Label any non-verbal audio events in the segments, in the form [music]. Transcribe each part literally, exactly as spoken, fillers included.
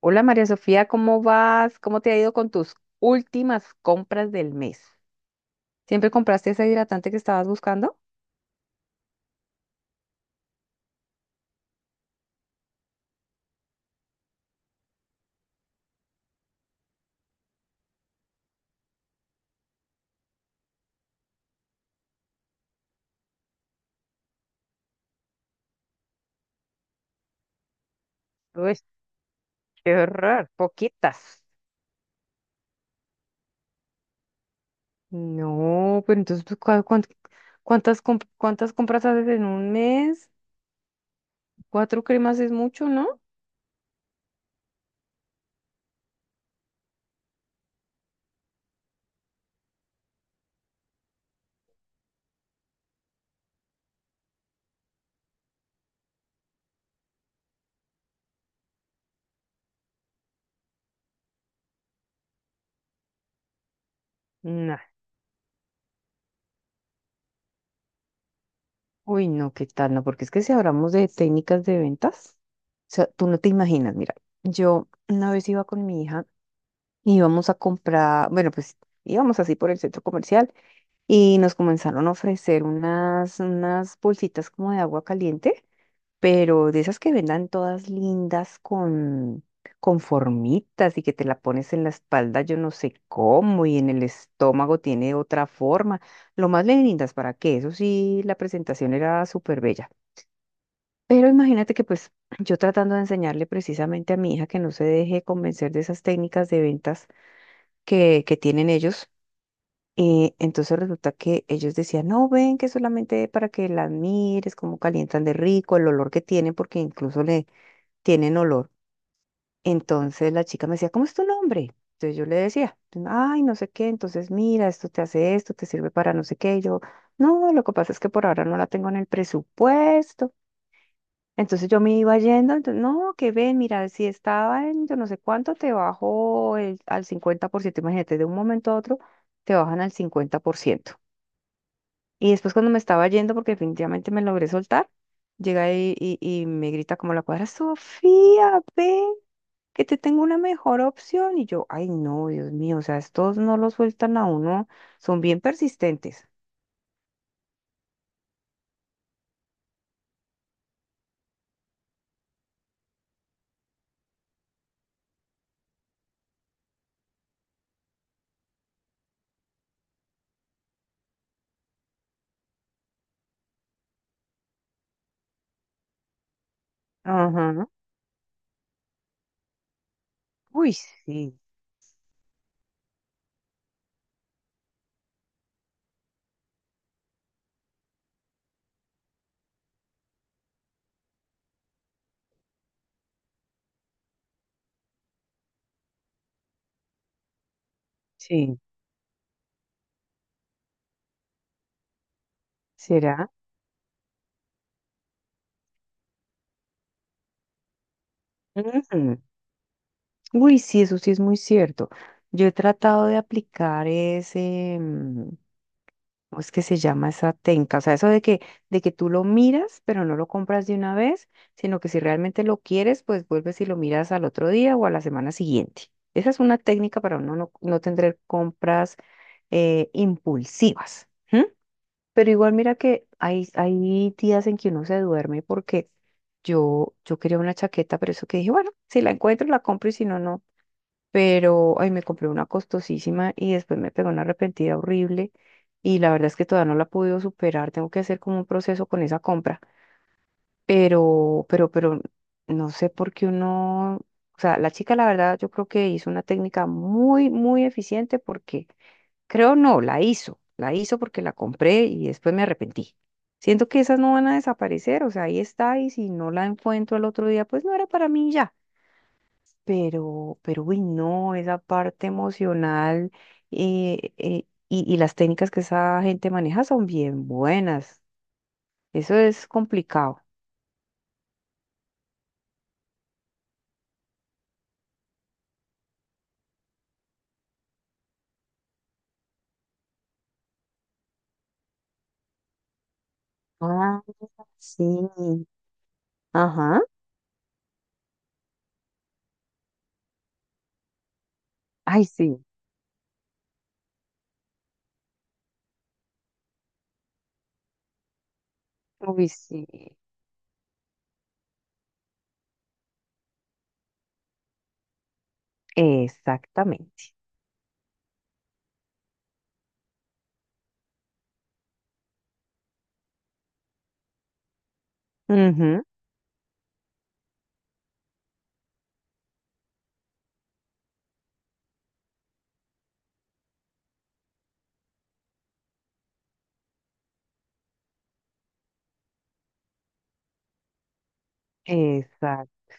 Hola María Sofía, ¿cómo vas? ¿Cómo te ha ido con tus últimas compras del mes? ¿Siempre compraste ese hidratante que estabas buscando? Uy, qué horror, poquitas. No, pero entonces, ¿tú cua- cuán- cuántas, comp- cuántas compras haces en un mes? Cuatro cremas es mucho, ¿no? No. Uy, no, ¿qué tal? No, porque es que si hablamos de técnicas de ventas, o sea, tú no te imaginas, mira, yo una vez iba con mi hija y íbamos a comprar, bueno, pues íbamos así por el centro comercial y nos comenzaron a ofrecer unas, unas bolsitas como de agua caliente, pero de esas que vendan todas lindas con, con formitas, y que te la pones en la espalda, yo no sé cómo, y en el estómago tiene otra forma. Lo más lindas, ¿para qué? Eso sí, la presentación era súper bella. Pero imagínate que pues [clears throat] yo tratando de enseñarle precisamente a mi hija que no se deje convencer de esas técnicas de ventas que, que tienen ellos. Eh, entonces resulta que ellos decían: no, ven que solamente para que las mires, cómo calientan de rico, el olor que tienen, porque incluso le tienen olor. Entonces la chica me decía: ¿cómo es tu nombre? Entonces yo le decía, ay, no sé qué. Entonces mira, esto te hace esto, te sirve para no sé qué. Y yo, no, lo que pasa es que por ahora no la tengo en el presupuesto. Entonces yo me iba yendo. Entonces, no, que ven, mira, si estaba en yo no sé cuánto, te bajo el, al cincuenta por ciento. Imagínate, de un momento a otro, te bajan al cincuenta por ciento. Y después, cuando me estaba yendo, porque definitivamente me logré soltar, llega y, y, y me grita como la cuadra: Sofía, ve, que te tengo una mejor opción. Y yo, ay no, Dios mío, o sea, estos no lo sueltan a uno, son bien persistentes. Ajá. Uy, sí, sí, será. Ujú. Uy, sí, eso sí es muy cierto. Yo he tratado de aplicar ese... mm, ¿cómo es que se llama esa tenca? O sea, eso de que, de que tú lo miras, pero no lo compras de una vez, sino que si realmente lo quieres, pues vuelves y lo miras al otro día o a la semana siguiente. Esa es una técnica para uno no, no tener compras eh, impulsivas. ¿M? Pero igual mira que hay, hay días en que uno se duerme, porque yo, yo quería una chaqueta, pero eso que dije, bueno, si la encuentro, la compro y si no, no. Pero ay, me compré una costosísima y después me pegó una arrepentida horrible, y la verdad es que todavía no la he podido superar, tengo que hacer como un proceso con esa compra. Pero, pero, pero no sé por qué uno, o sea, la chica la verdad yo creo que hizo una técnica muy, muy eficiente, porque, creo no, la hizo, la hizo porque la compré y después me arrepentí. Siento que esas no van a desaparecer, o sea, ahí está, y si no la encuentro al otro día, pues no era para mí y ya. Pero, pero uy, no, esa parte emocional, eh, eh, y, y las técnicas que esa gente maneja son bien buenas. Eso es complicado. Ah, sí. Ajá. Ay, sí. Uy, sí. Exactamente. Ujú. Exacto.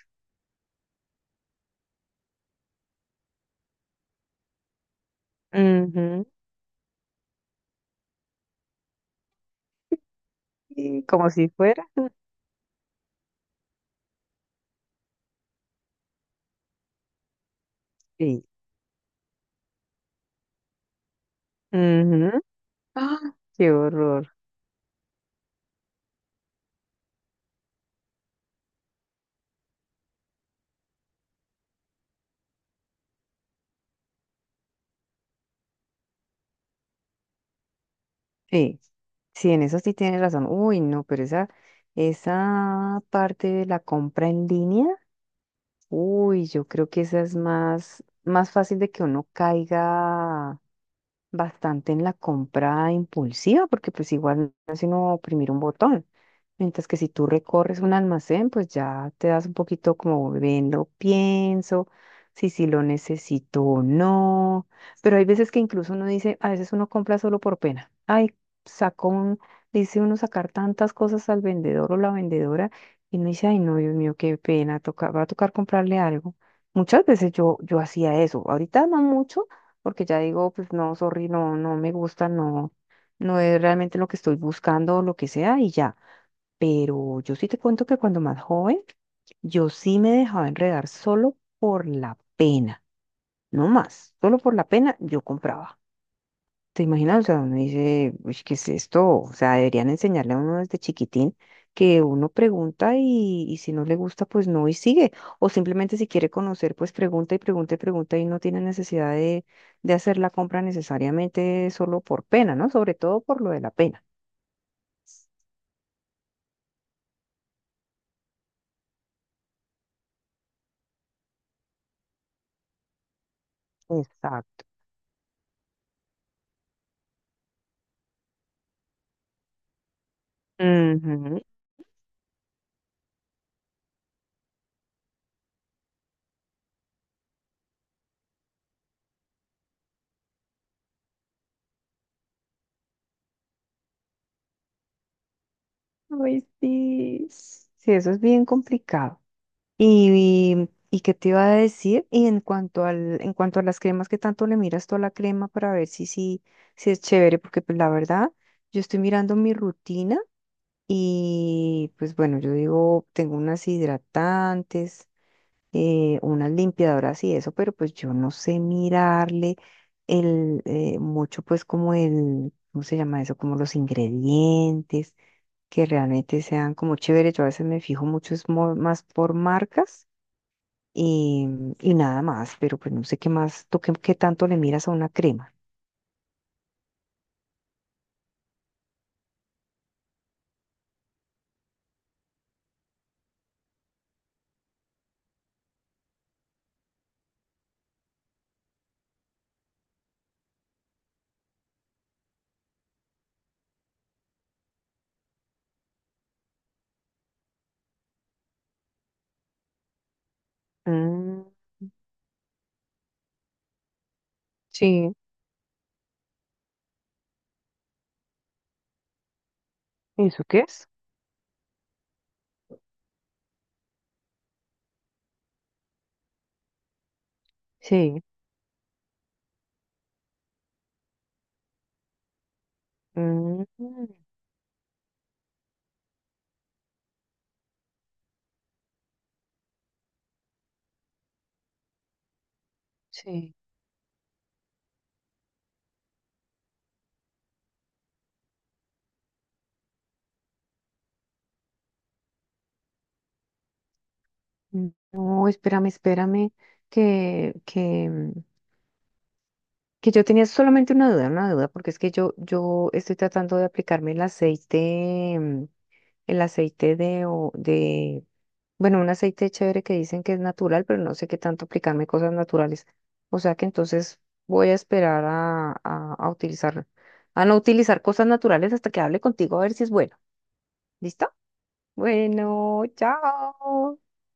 Ujú, y como si fuera. Sí. Ujú. Ah, qué horror. Sí. Sí, en eso sí tienes razón. Uy, no, pero esa, esa parte de la compra en línea, uy, yo creo que esa es más, más fácil de que uno caiga bastante en la compra impulsiva, porque pues igual no es sino oprimir un botón. Mientras que si tú recorres un almacén, pues ya te das un poquito como ven, lo pienso, si sí lo necesito o no. Pero hay veces que incluso uno dice, a veces uno compra solo por pena. Ay, sacó un, dice uno sacar tantas cosas al vendedor o la vendedora, y uno dice, ay, no, Dios mío, qué pena, toca, va a tocar comprarle algo. Muchas veces yo, yo hacía eso. Ahorita no mucho, porque ya digo, pues no, sorry, no, no me gusta, no, no es realmente lo que estoy buscando o lo que sea, y ya. Pero yo sí te cuento que cuando más joven, yo sí me dejaba enredar solo por la pena, no más, solo por la pena yo compraba. ¿Te imaginas? O sea, uno dice, uy, ¿qué es esto? O sea, deberían enseñarle a uno desde chiquitín que uno pregunta, y, y si no le gusta, pues no, y sigue. O simplemente si quiere conocer, pues pregunta y pregunta y pregunta, y no tiene necesidad de, de hacer la compra necesariamente solo por pena, ¿no? Sobre todo por lo de la pena. Exacto. Ay, sí. Sí, eso es bien complicado. ¿Y, y qué te iba a decir? Y en cuanto al, en cuanto a las cremas, que tanto le miras tú a la crema para ver si, si, si es chévere? Porque pues la verdad, yo estoy mirando mi rutina, y pues bueno, yo digo, tengo unas hidratantes, eh, unas limpiadoras y eso, pero pues yo no sé mirarle el, eh, mucho pues como el, ¿cómo se llama eso? Como los ingredientes que realmente sean como chéveres. Yo a veces me fijo mucho es mo- más por marcas, y, y nada más. Pero pues no sé qué más, ¿tú qué, qué tanto le miras a una crema? Mm, sí, ¿eso qué es? Sí, mm, sí. Mm. No, espérame, espérame, que, que, mm, que yo tenía solamente una duda, una duda, porque es que yo, yo estoy tratando de aplicarme el aceite, mm, el aceite de, o- de bueno, un aceite chévere que dicen que es natural, pero no sé qué tanto aplicarme cosas naturales. O sea que entonces voy a esperar a, a, a utilizar, a no utilizar cosas naturales hasta que hable contigo a ver si es bueno. ¿Listo? Bueno, chao.